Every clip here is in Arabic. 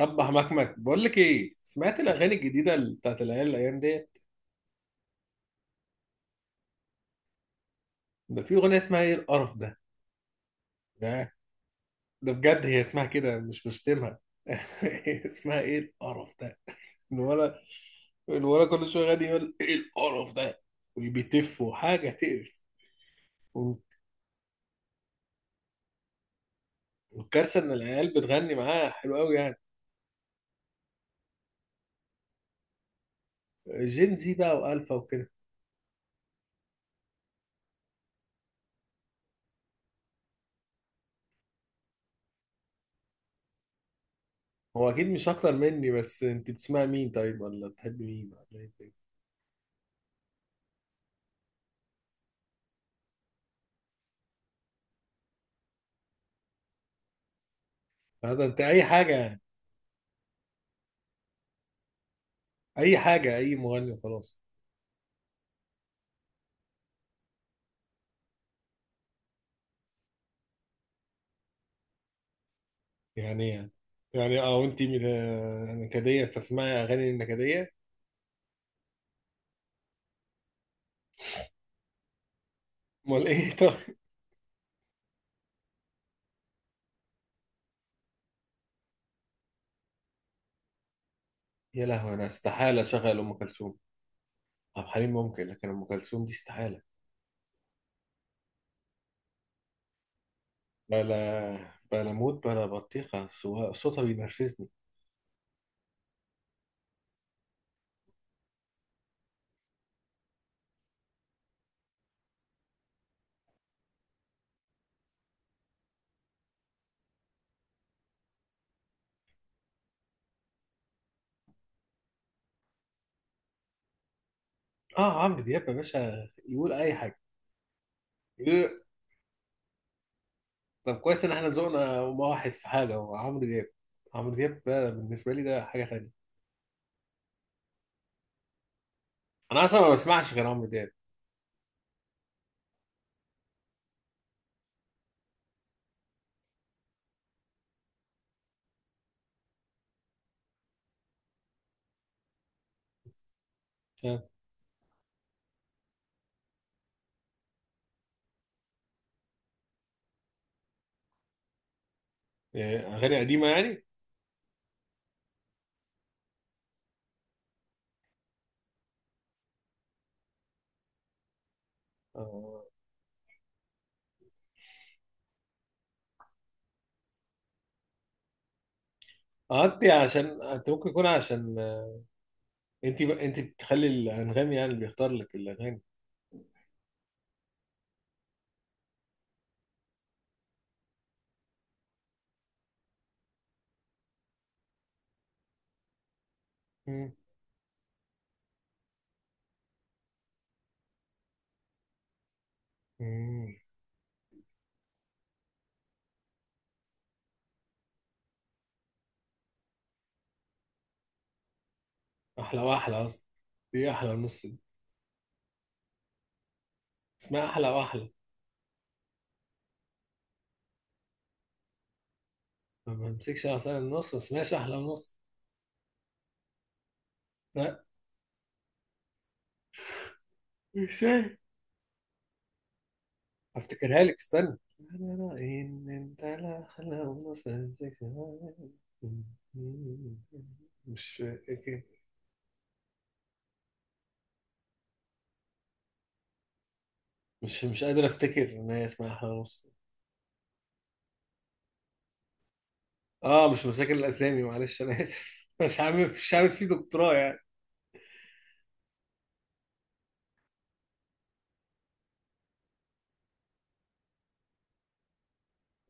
رب مكمك، بقول لك ايه، سمعت الاغاني الجديده بتاعت العيال الايام ديت؟ ده في اغنيه اسمها ايه القرف ده. ده ده بجد هي اسمها كده، مش بشتمها. اسمها ايه القرف ده. الولد الولد كل شويه غني، يقول ايه القرف ده وبيتف وحاجه تقرف. والكارثه ان العيال بتغني معاه حلو قوي يعني. جين زي بقى، والفا، وكده. هو اكيد مش اكتر مني، بس انت بتسمع مين طيب، ولا بتحب مين، ولا ايه؟ هذا انت اي حاجه يعني، اي حاجه، اي مغني وخلاص. يعني يعني اه، وانتي نكدية تسمعي اغاني النكدية؟ امال ايه؟ طيب. يا لهوي، انا استحالة اشغل ام كلثوم. عبد الحليم ممكن، لكن ام كلثوم دي استحالة. بلا بلا موت بلا بطيخة، صوتها بينرفزني. اه، عمرو دياب يا باشا يقول اي حاجة. يقول- طب كويس ان احنا ذوقنا واحد في حاجة، هو عمرو دياب. عمرو دياب ده بالنسبة لي ده حاجة تانية. انا اصلا ما بسمعش غير عمرو دياب، فاهم؟ يعني اغاني قديمة يعني؟ آه. اه، انت عشان انت ممكن يكون عشان انت بتخلي الانغام يعني اللي بيختار لك الاغاني. مم. مم. احلى واحلى اصلا. دي احلى ونص، دي اسمها احلى واحلى. ما بمسكش، انا اصلا النص ما اسمهاش احلى ونص. لا. ازاي؟ هفتكرها لك، استنى. لا لا لا ان انت، لا احلى ونص أمسكش عصاية. مش فاكر. مش قادر افتكر ان هي اسمها احلى ونص. اه مش مذاكر الاسامي، معلش انا اسف. مش عامل فيه دكتوراه يعني.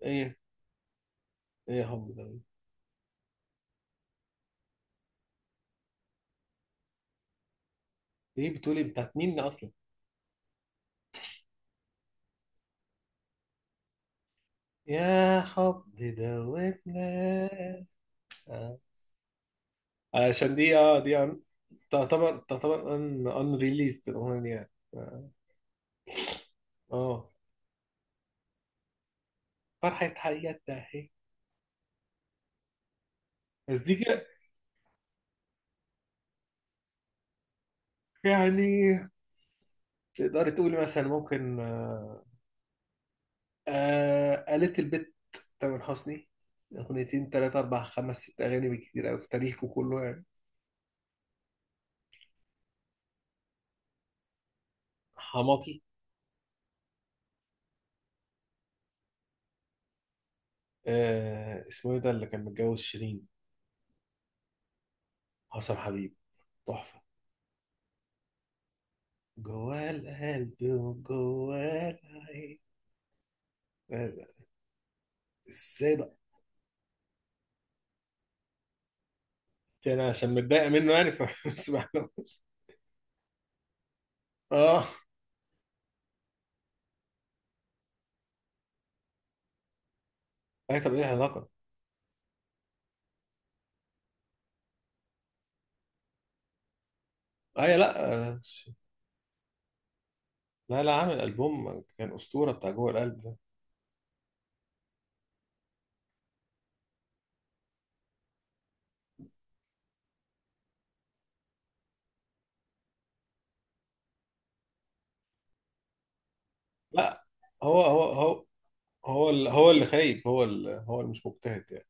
ايه ايه يا حب ده؟ ايه بتقولي بتاعت مين اصلا؟ يا حب دوتنا. آه. عشان دي اه دي تعتبر ان ريليست الاغنيه اه. آه. فرحه حياتنا اهي، بس دي كده. يعني تقدري تقولي مثلا، ممكن آه. آه، قالت البت. تامر حسني، 2 اغاني 3 4 5 6 أغاني بالكتير أوي في تاريخه كله يعني. حماقي. آه، اسمه إيه ده اللي كان متجوز شيرين؟ حسن حبيب، تحفة. جواه القلب وجواه العين. لا، لا، ازاي ده؟ دي انا عشان متضايق منه يعني فمسمعلوش. اه. اي طب ايه العلاقه؟ اي لا، آه، لا لا، عامل البوم كان اسطوره، بتاع جوه القلب ده. لا. هو هو هو هو اللي خايب، هو اللي مش مجتهد يعني.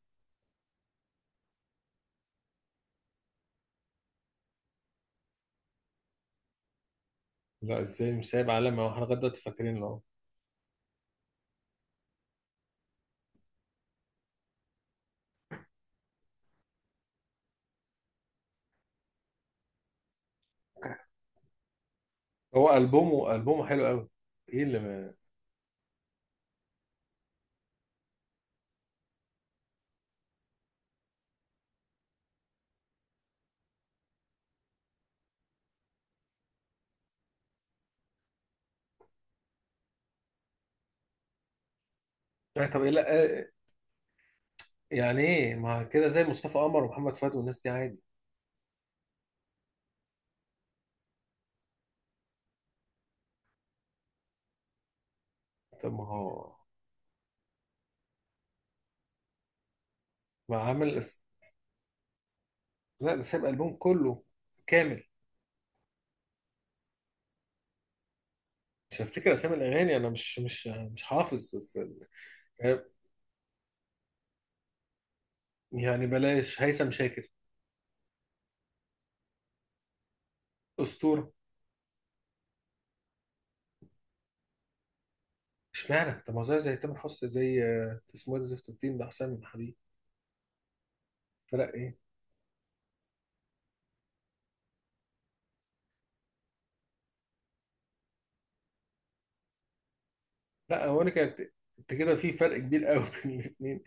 لا، ازاي مش سايب علامه؟ هو احنا لغايه دلوقتي فاكرين له. هو البومه حلو قوي. ايه اللي ما. اي طب ايه؟ لا، آه، يعني ايه ما كده، زي مصطفى قمر ومحمد فؤاد والناس دي عادي. طب ما هو ما عامل لا، ده ساب البوم كله كامل. مش هفتكر اسامي الاغاني، انا مش حافظ بس. يعني بلاش هيثم شاكر، اسطوره. اشمعنى طب ما هو زي تامر حسني، زي آه، اسمه إيه ده زفت الدين ده حسام حبيب. فرق ايه؟ لا هو انا كانت. انت كده، في فرق كبير قوي بين الاثنين.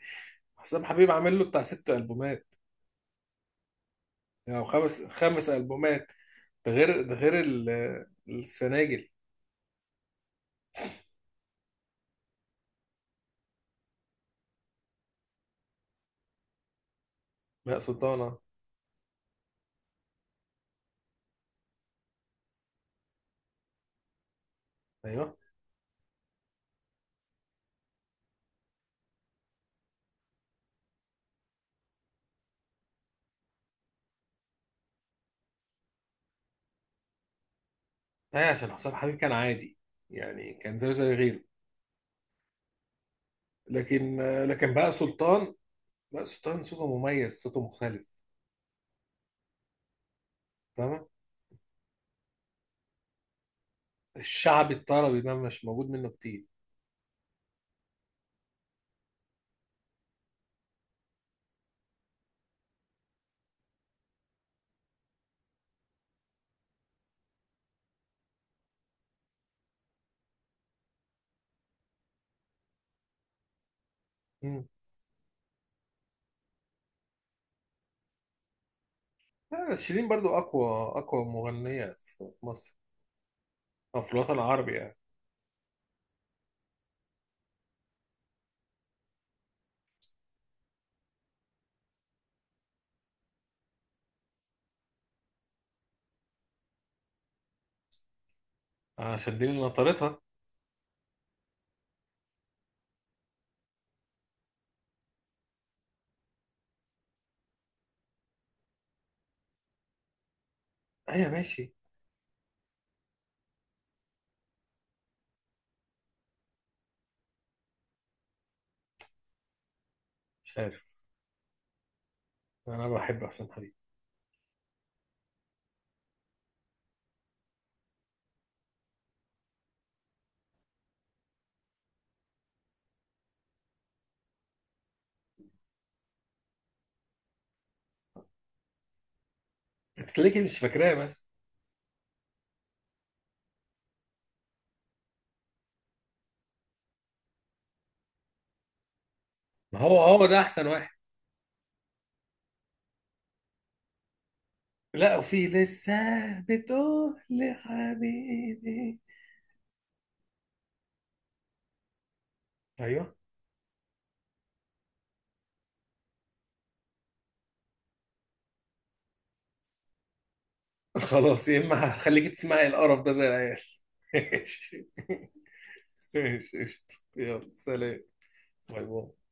حسام حبيب عامل له بتاع 6 البومات. او يعني خمس البومات. ده غير السناجل. لا، سلطانه؟ ايوه. هي عشان حسام حبيب كان عادي يعني، كان زيه زي غيره. لكن بقى سلطان. بقى سلطان صوته مميز، صوته مختلف، فاهمة؟ الشعبي الطربي ده مش موجود منه كتير. مم. لا، شيرين برضو أقوى. أقوى مغنية في مصر، أو في الوطن العربي يعني. عشان دي اللي نطرتها. أيوة ماشي. مش عارف. أنا بحب أحسن حبيبي. أنت ليه كده مش فاكراه بس؟ ما هو ده أحسن واحد. لا، وفي لسه بتقول لحبيبي. أيوه. خلاص يا، إما هخليك تسمعي القرف ده زي العيال. ماشي، قشطة، يلا سلام، باي باي.